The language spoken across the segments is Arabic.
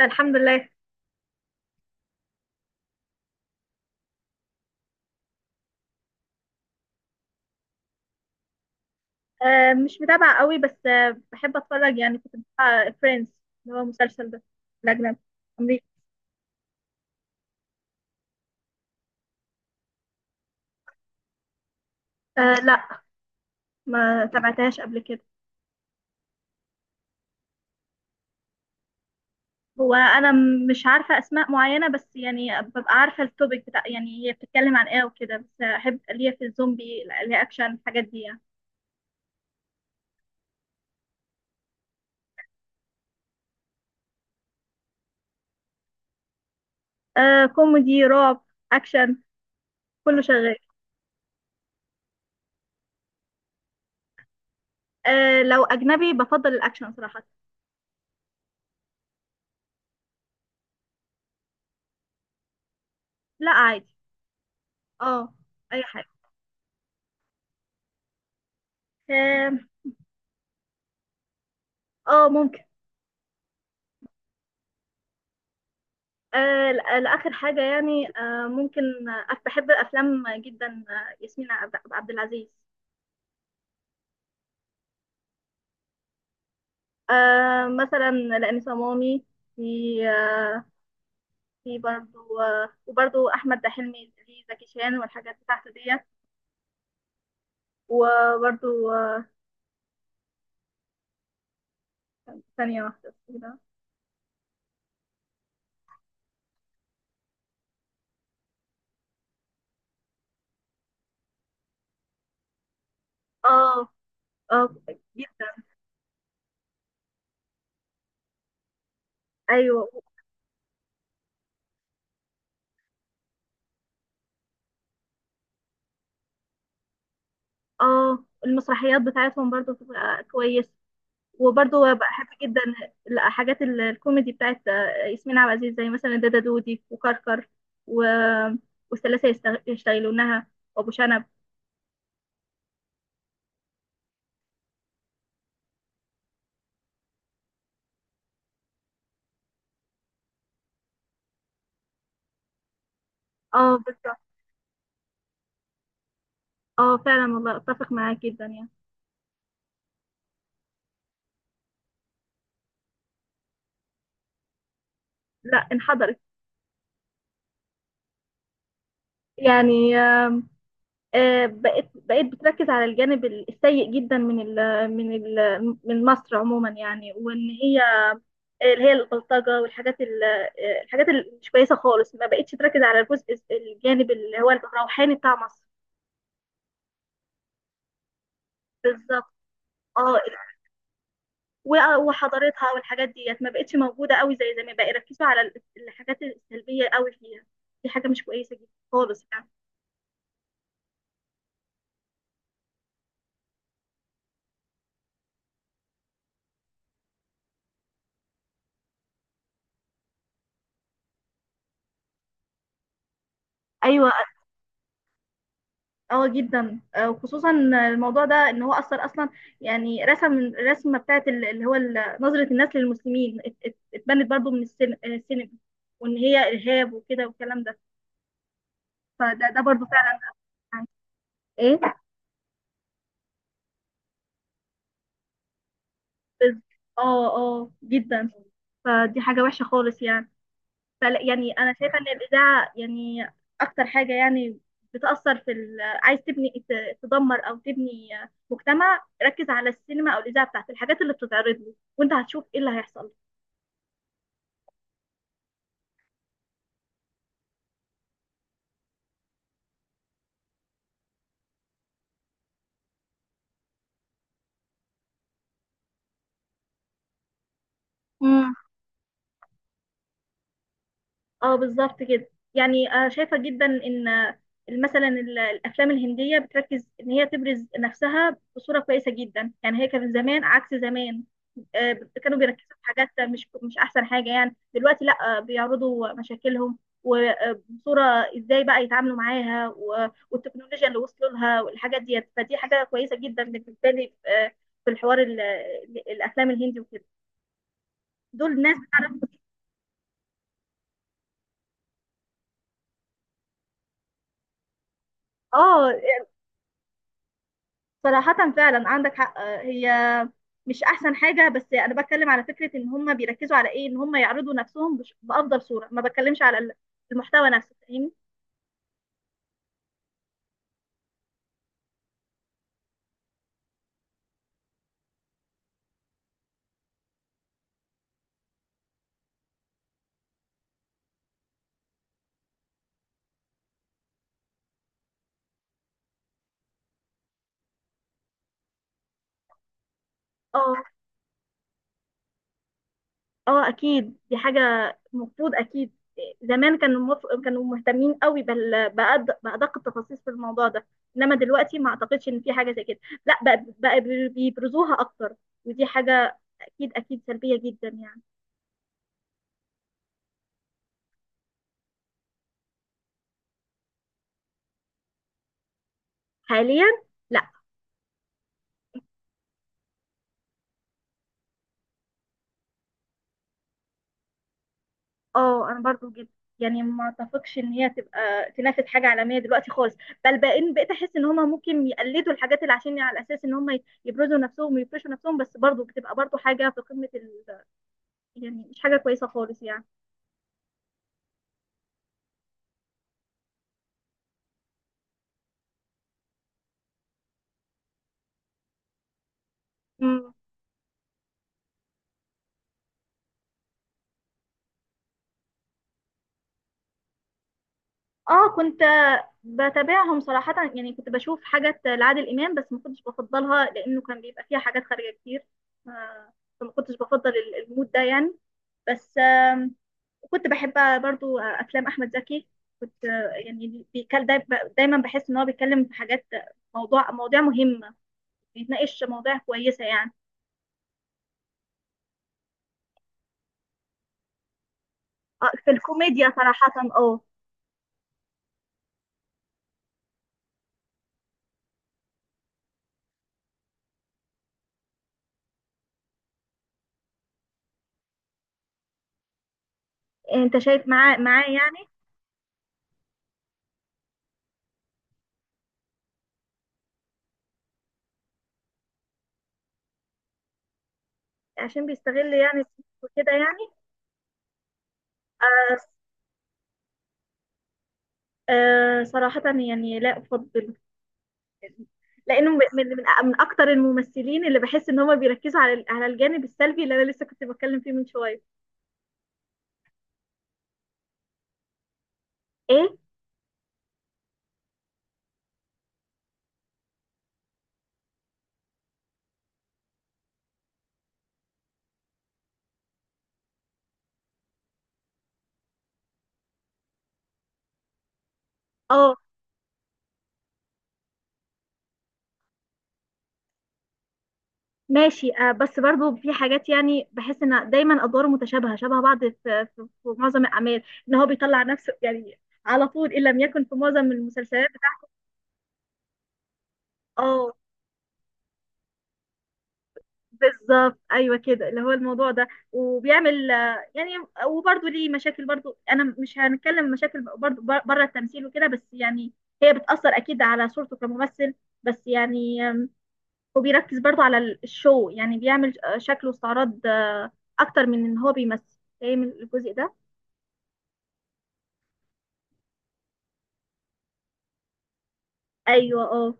الحمد لله. مش متابعة قوي بس بحب اتفرج، يعني كنت بتابع فريندز اللي هو المسلسل ده الأجنبي، أمريكي. أه لا، ما تابعتهاش قبل كده. هو أنا مش عارفة أسماء معينة، بس يعني ببقى عارفة التوبيك بتاع، يعني هي بتتكلم عن إيه وكده، بس أحب ليا في الزومبي، ليا أكشن الحاجات دي يعني. أه، كوميدي رعب أكشن، كله شغال. أه لو أجنبي بفضل الأكشن صراحة. لا عادي. اه. أي حاجة. اه. ممكن. آه لآخر حاجة يعني، ممكن، بحب أفلام جدا، ياسمين عبد العزيز. مثلا لأني صمامي في. آه في برضو، وبرضو أحمد حلمي في زكي شان والحاجات بتاعته ديت، وبرضو ثانية واحدة كده. اه. اه. أيوه. اه، المسرحيات بتاعتهم برضو بتبقى كويس، وبرضه بحب جدا الحاجات الكوميدي بتاعت ياسمين عبد العزيز، زي مثلا دادا دودي وكركر و... والثلاثة يشتغلونها وأبو شنب. اه بالظبط. اه فعلا والله، اتفق معاك جدا يعني. لا، انحدرت. يعني بقيت بتركز على الجانب السيء جدا من مصر عموما، يعني وان هي اللي هي البلطجه والحاجات الحاجات اللي مش كويسه خالص، ما بقتش تركز على الجزء الجانب اللي هو الروحاني بتاع مصر. بالظبط. اه و- وحضارتها والحاجات ديت، ما بقتش موجوده قوي زي زمان، بقى يركزوا على الحاجات السلبيه قوي فيها. دي حاجه مش كويسه جدا خالص يعني. ايوه. اه جدا، وخصوصا الموضوع ده، ان هو اثر اصلا، يعني رسم الرسمه بتاعت نظره الناس للمسلمين اتبنت برضو من السينما، وان هي ارهاب وكده والكلام ده. فده برضو فعلا يعني. ايه. بز- اه اه جدا. فدي حاجه وحشه خالص يعني. فلا يعني، انا شايفه ان الاذاعه يعني اكتر حاجه يعني بتاثر في عايز تبني تدمر او تبني مجتمع، ركز على السينما او الاذاعه بتاعت الحاجات اللي بتتعرض له، وانت هتشوف ايه اللي هيحصل. اه بالظبط كده يعني. شايفة جدا ان مثلا الافلام الهندية بتركز ان هي تبرز نفسها بصورة كويسة جدا، يعني هي كان زمان عكس زمان، كانوا بيركزوا في حاجات مش احسن حاجة. يعني دلوقتي لا، بيعرضوا مشاكلهم وبصورة ازاي بقى يتعاملوا معاها، والتكنولوجيا اللي وصلوا لها والحاجات ديت، فدي حاجة كويسة جدا بالنسبة لي. في الحوار الافلام الهندي وكده، دول ناس بتعرف. اه. صراحة فعلا عندك حق. هي مش احسن حاجه، بس انا بتكلم على فكره ان هم بيركزوا على ايه، ان هم يعرضوا نفسهم بافضل صوره، ما بتكلمش على المحتوى نفسه. فاهمني؟ اه. اه اكيد دي حاجه المفروض اكيد. زمان كانوا كانوا مهتمين قوي بادق التفاصيل في الموضوع ده، انما دلوقتي ما اعتقدش ان في حاجه زي كده. لا، بقى بيبرزوها اكتر. ودي حاجه اكيد اكيد سلبيه جدا يعني. حاليا. اه انا برضو جدا يعني، ما اتفقش ان هي تبقى تنافس حاجه عالميه دلوقتي خالص. بل بقيت احس ان هما ممكن يقلدوا الحاجات، اللي عشان على اساس ان هما يبرزوا نفسهم ويفرشوا نفسهم، بس برضو بتبقى برضو حاجه في قمه يعني مش حاجه كويسه خالص يعني. مم. اه كنت بتابعهم صراحه يعني، كنت بشوف حاجات لعادل امام، بس ما كنتش بفضلها لانه كان بيبقى فيها حاجات خارجه كتير. ف- فما كنتش بفضل المود ده يعني. بس وكنت بحب برضو افلام احمد زكي، كنت يعني دايما بحس ان هو بيتكلم في حاجات، مواضيع مهمه، بيتناقش مواضيع كويسه يعني. في الكوميديا صراحه. اه. انت شايف معاه يعني، عشان بيستغل يعني كده يعني. آه. آه صراحه يعني لا افضل. لانه من اكتر الممثلين اللي بحس ان هم بيركزوا على الجانب السلبي اللي انا لسه كنت بتكلم فيه من شويه. ايه. اه ماشي. آه بس برضو في حاجات، يعني بحس ان دايما ادواره متشابهه شبه بعض في معظم الاعمال، ان هو بيطلع نفسه يعني على طول، ان لم يكن في معظم المسلسلات. اه بالظبط، ايوه كده، اللي هو الموضوع ده وبيعمل يعني، وبرضو ليه مشاكل. برضو انا مش هنتكلم مشاكل برضو بره التمثيل وكده، بس يعني هي بتاثر اكيد على صورته كممثل. بس يعني وبيركز برضو على الشو، يعني بيعمل شكل واستعراض، اكتر من ان هو بيمثل. فاهم الجزء ده؟ ايوه. اه.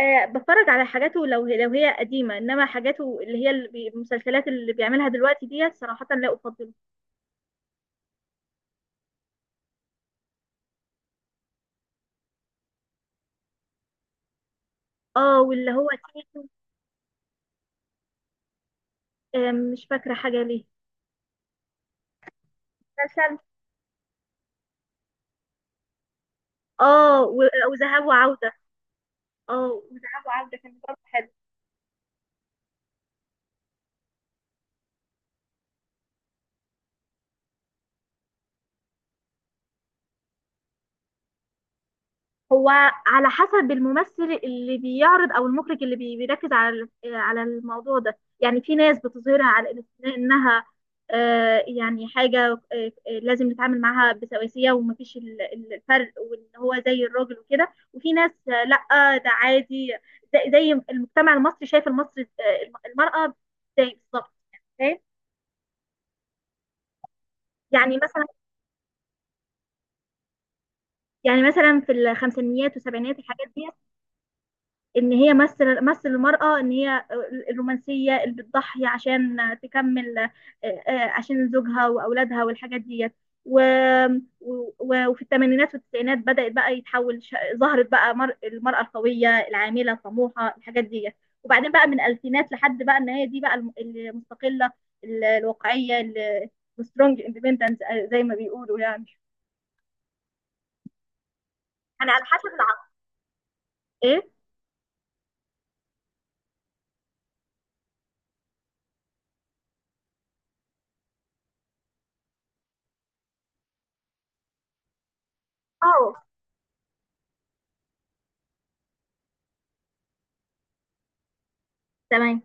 بتفرج على حاجاته لو هي قديمه انما حاجاته اللي هي المسلسلات اللي بيعملها دلوقتي ديت صراحه لا افضله. اه واللي هو تيتو. مش فاكره حاجه ليه. مسلسل. اه وذهاب وعوده. اه وذهاب وعوده كان برضه حلو. هو على حسب الممثل اللي بيعرض او المخرج اللي بيركز على على الموضوع ده يعني. في ناس بتظهرها على انها يعني حاجه، لازم نتعامل معاها بسواسيه، ومفيش الفرق، وان هو زي الراجل وكده. وفي ناس لا ده عادي، زي المجتمع المصري، شايف المصري المراه زي، بالظبط. فاهم؟ يعني مثلا يعني مثلا في الخمسينيات والسبعينات الحاجات دي، ان هي مثل المرأة، ان هي الرومانسية اللي بتضحي عشان تكمل عشان زوجها واولادها والحاجات ديت. و... و... وفي الثمانينات والتسعينات بدأت بقى يتحول، ظهرت بقى المرأة القوية العاملة الطموحة الحاجات ديت. وبعدين بقى من الألفينات لحد بقى ان هي دي بقى المستقلة الواقعية، السترونج اندبندنت زي ما بيقولوا يعني، يعني على حسب العقل. ايه. اه تمام.